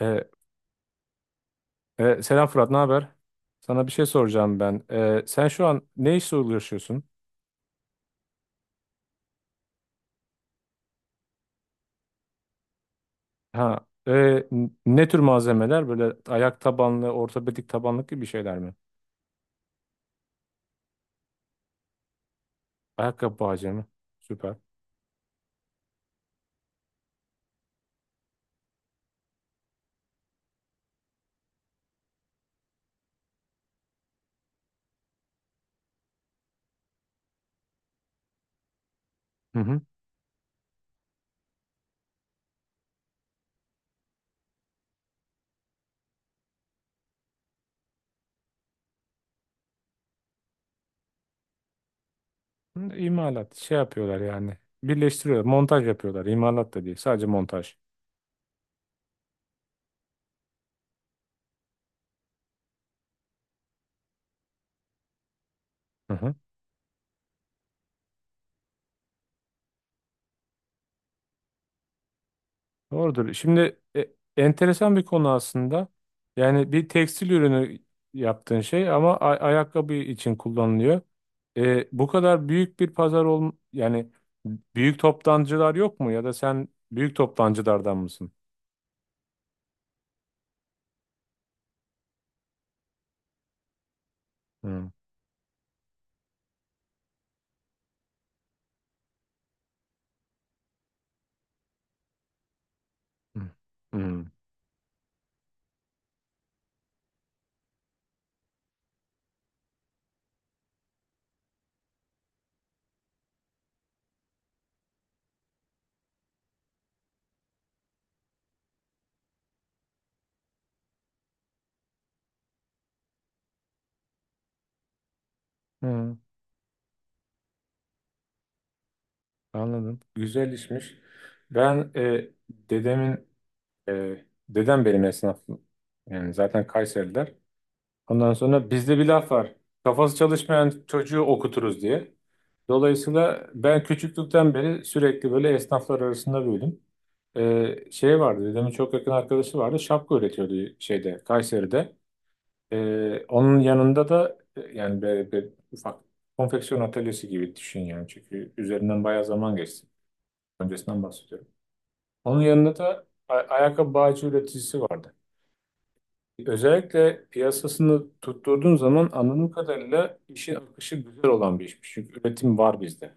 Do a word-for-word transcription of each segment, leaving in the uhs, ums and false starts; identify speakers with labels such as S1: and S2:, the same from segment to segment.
S1: E, e, Selam Fırat, ne haber? Sana bir şey soracağım ben. E, sen şu an ne işle uğraşıyorsun? Ha, e, n- ne tür malzemeler? Böyle ayak tabanlı, ortopedik tabanlık gibi şeyler mi? Ayakkabı bağcığı mı? Süper. Hı hı. Hı, İmalat, şey yapıyorlar yani. Birleştiriyorlar, montaj yapıyorlar. İmalat da değil, sadece montaj. Doğrudur. Şimdi e, enteresan bir konu aslında. Yani bir tekstil ürünü yaptığın şey ama a- ayakkabı için kullanılıyor. E, bu kadar büyük bir pazar ol yani büyük toptancılar yok mu ya da sen büyük toptancılardan mısın? Hmm. Hmm. Hmm. Hmm. Anladım. Güzel işmiş. Ben e, dedemin e, dedem benim esnaf yani zaten Kayseriler. Ondan sonra bizde bir laf var. Kafası çalışmayan çocuğu okuturuz diye. Dolayısıyla ben küçüklükten beri sürekli böyle esnaflar arasında büyüdüm. Ee, şey vardı, dedemin çok yakın arkadaşı vardı. Şapka üretiyordu şeyde, Kayseri'de. Ee, onun yanında da e, yani böyle bir ufak konfeksiyon atölyesi gibi düşün yani. Çünkü üzerinden bayağı zaman geçti. Öncesinden bahsediyorum. Onun yanında da a- ayakkabı bağcı üreticisi vardı. Özellikle piyasasını tutturduğun zaman anladığım kadarıyla işin akışı güzel olan bir işmiş. Çünkü üretim var bizde.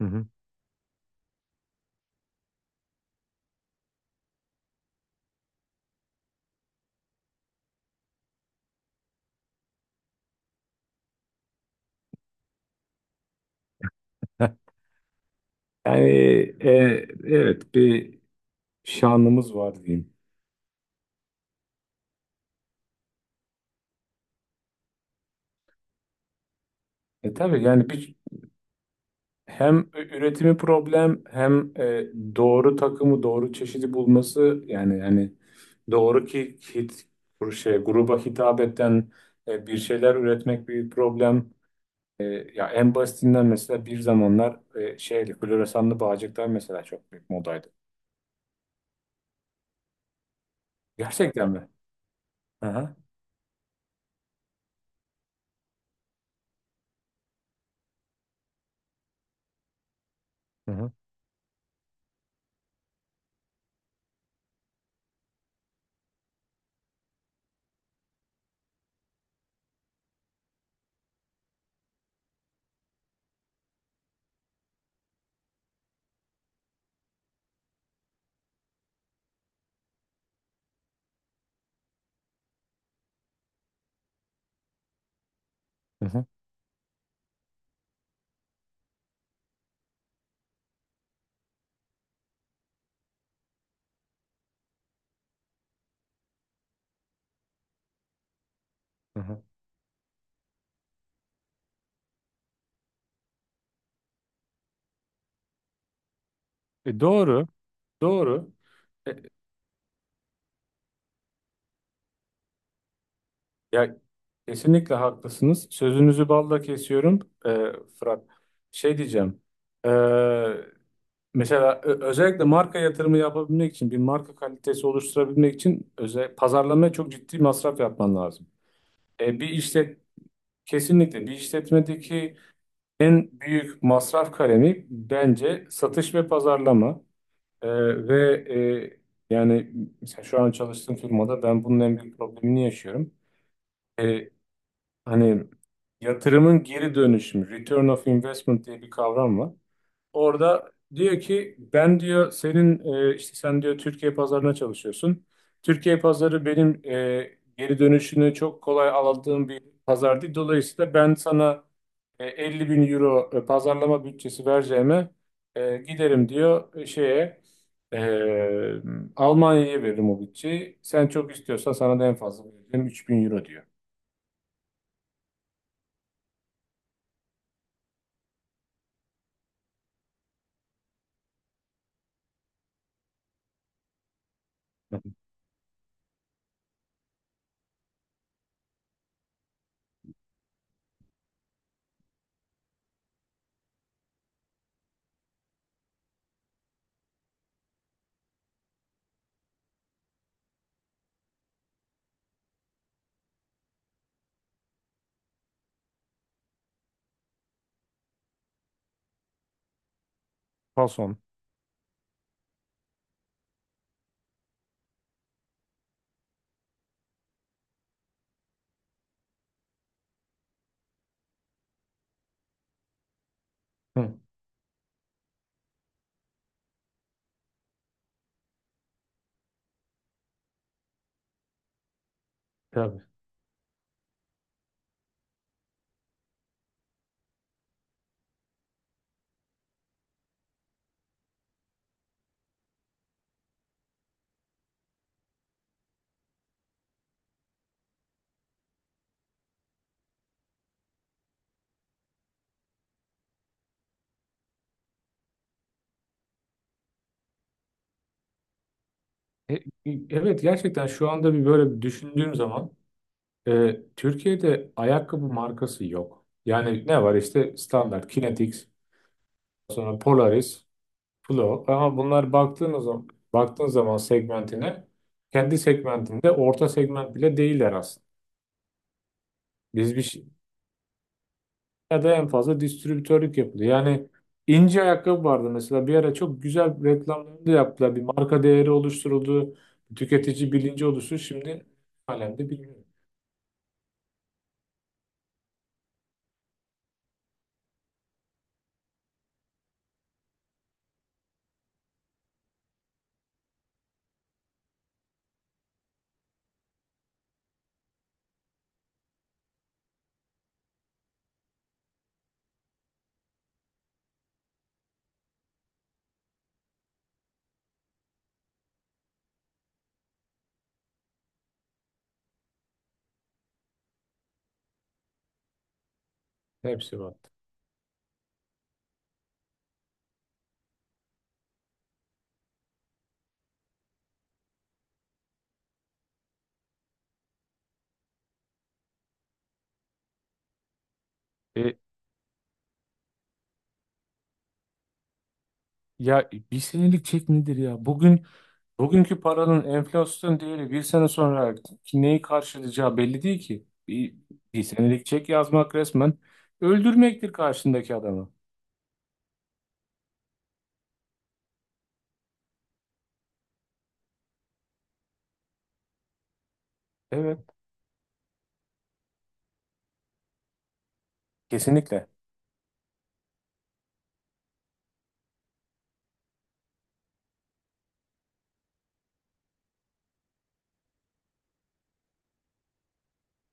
S1: Hı hı. Heh. Yani e, evet bir şanımız var diyeyim. E tabii yani bir hem ü- üretimi problem hem e, doğru takımı doğru çeşidi bulması yani hani doğru ki hit bu şey gruba hitap eden e, bir şeyler üretmek bir problem. E, Ya en basitinden mesela bir zamanlar e, şeyli floresanlı bağcıklar mesela çok büyük modaydı. Gerçekten mi? Aha, aha, aha, aha. E, doğru, doğru. Ya kesinlikle haklısınız. Sözünüzü balla kesiyorum e, Fırat. Şey diyeceğim. e, mesela ö- özellikle marka yatırımı yapabilmek için bir marka kalitesi oluşturabilmek için özel pazarlamaya çok ciddi masraf yapman lazım. E, bir işlet kesinlikle bir işletmedeki en büyük masraf kalemi bence satış ve pazarlama. E, Ve e, yani mesela şu an çalıştığım firmada ben bunun en büyük problemini yaşıyorum. Hani yatırımın geri dönüşümü, return of investment diye bir kavram var. Orada diyor ki ben diyor senin e, işte sen diyor Türkiye pazarına çalışıyorsun. Türkiye pazarı benim e, geri dönüşünü çok kolay aldığım bir pazar değil. Dolayısıyla ben sana e, elli bin euro e, pazarlama bütçesi vereceğime e, giderim diyor e, şeye e, Almanya'ya veririm o bütçeyi. Sen çok istiyorsan sana da en fazla vereceğim üç bin euro diyor. Fason. Hı. Tabii. E, e, evet gerçekten şu anda bir böyle bir düşündüğüm zaman e, Türkiye'de ayakkabı markası yok. Yani ne var işte standart Kinetics, sonra Polaris, Flow ama bunlar baktığın zaman baktığın zaman segmentine kendi segmentinde orta segment bile değiller aslında. Biz bir şey, ya da en fazla distribütörlük yapılıyor. Yani ince ayakkabı vardı mesela bir ara çok güzel reklamlarını da yaptılar. Bir marka değeri oluşturuldu, tüketici bilinci oluştu. Şimdi halen de bilmiyorum. Hepsi battı. E, Ya bir senelik çek nedir ya? Bugün bugünkü paranın enflasyon değeri bir sene sonra ki- neyi karşılayacağı belli değil ki. Bir, bir senelik çek yazmak resmen öldürmektir karşındaki adamı. Evet, kesinlikle.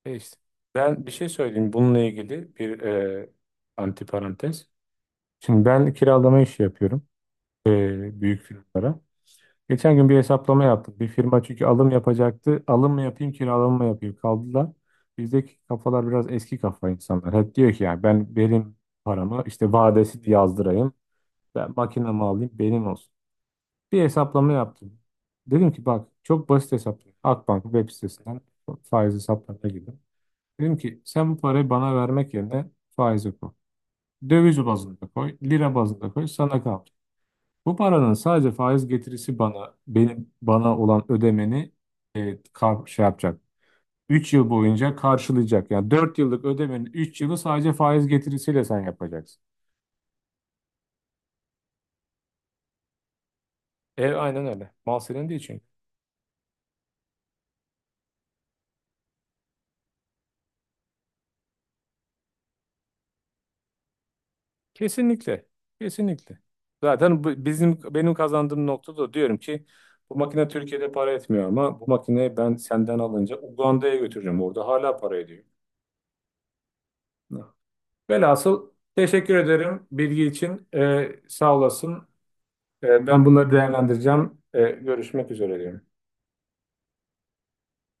S1: E işte, ben bir şey söyleyeyim bununla ilgili bir e, antiparantez. Şimdi ben kiralama işi yapıyorum e, büyük firmalara. Geçen gün bir hesaplama yaptık. Bir firma çünkü alım yapacaktı. Alım mı yapayım, kiralama mı yapayım kaldılar. Bizdeki kafalar biraz eski kafa insanlar. Hep diyor ki yani ben benim paramı işte vadesi yazdırayım. Ben makinemi alayım benim olsun. Bir hesaplama yaptım. Dedim ki bak çok basit hesaplama. Akbank web sitesinden faiz hesaplarına girdim. Dedim ki sen bu parayı bana vermek yerine faize koy. Döviz bazında koy, lira bazında koy, sana kal. Bu paranın sadece faiz getirisi bana benim bana olan ödemeni e, kar, şey yapacak. Üç yıl boyunca karşılayacak. Yani dört yıllık ödemenin üç yılı sadece faiz getirisiyle sen yapacaksın. E aynen öyle. Mal senin değil çünkü. Kesinlikle. Kesinlikle. Zaten bu- bizim benim kazandığım noktada diyorum ki bu makine Türkiye'de para etmiyor ama bu makineyi ben senden alınca Uganda'ya götüreceğim. Orada hala para ediyor. Velhasıl teşekkür ederim bilgi için. E, sağ olasın. E, ben bunları değerlendireceğim. E, görüşmek üzere diyorum.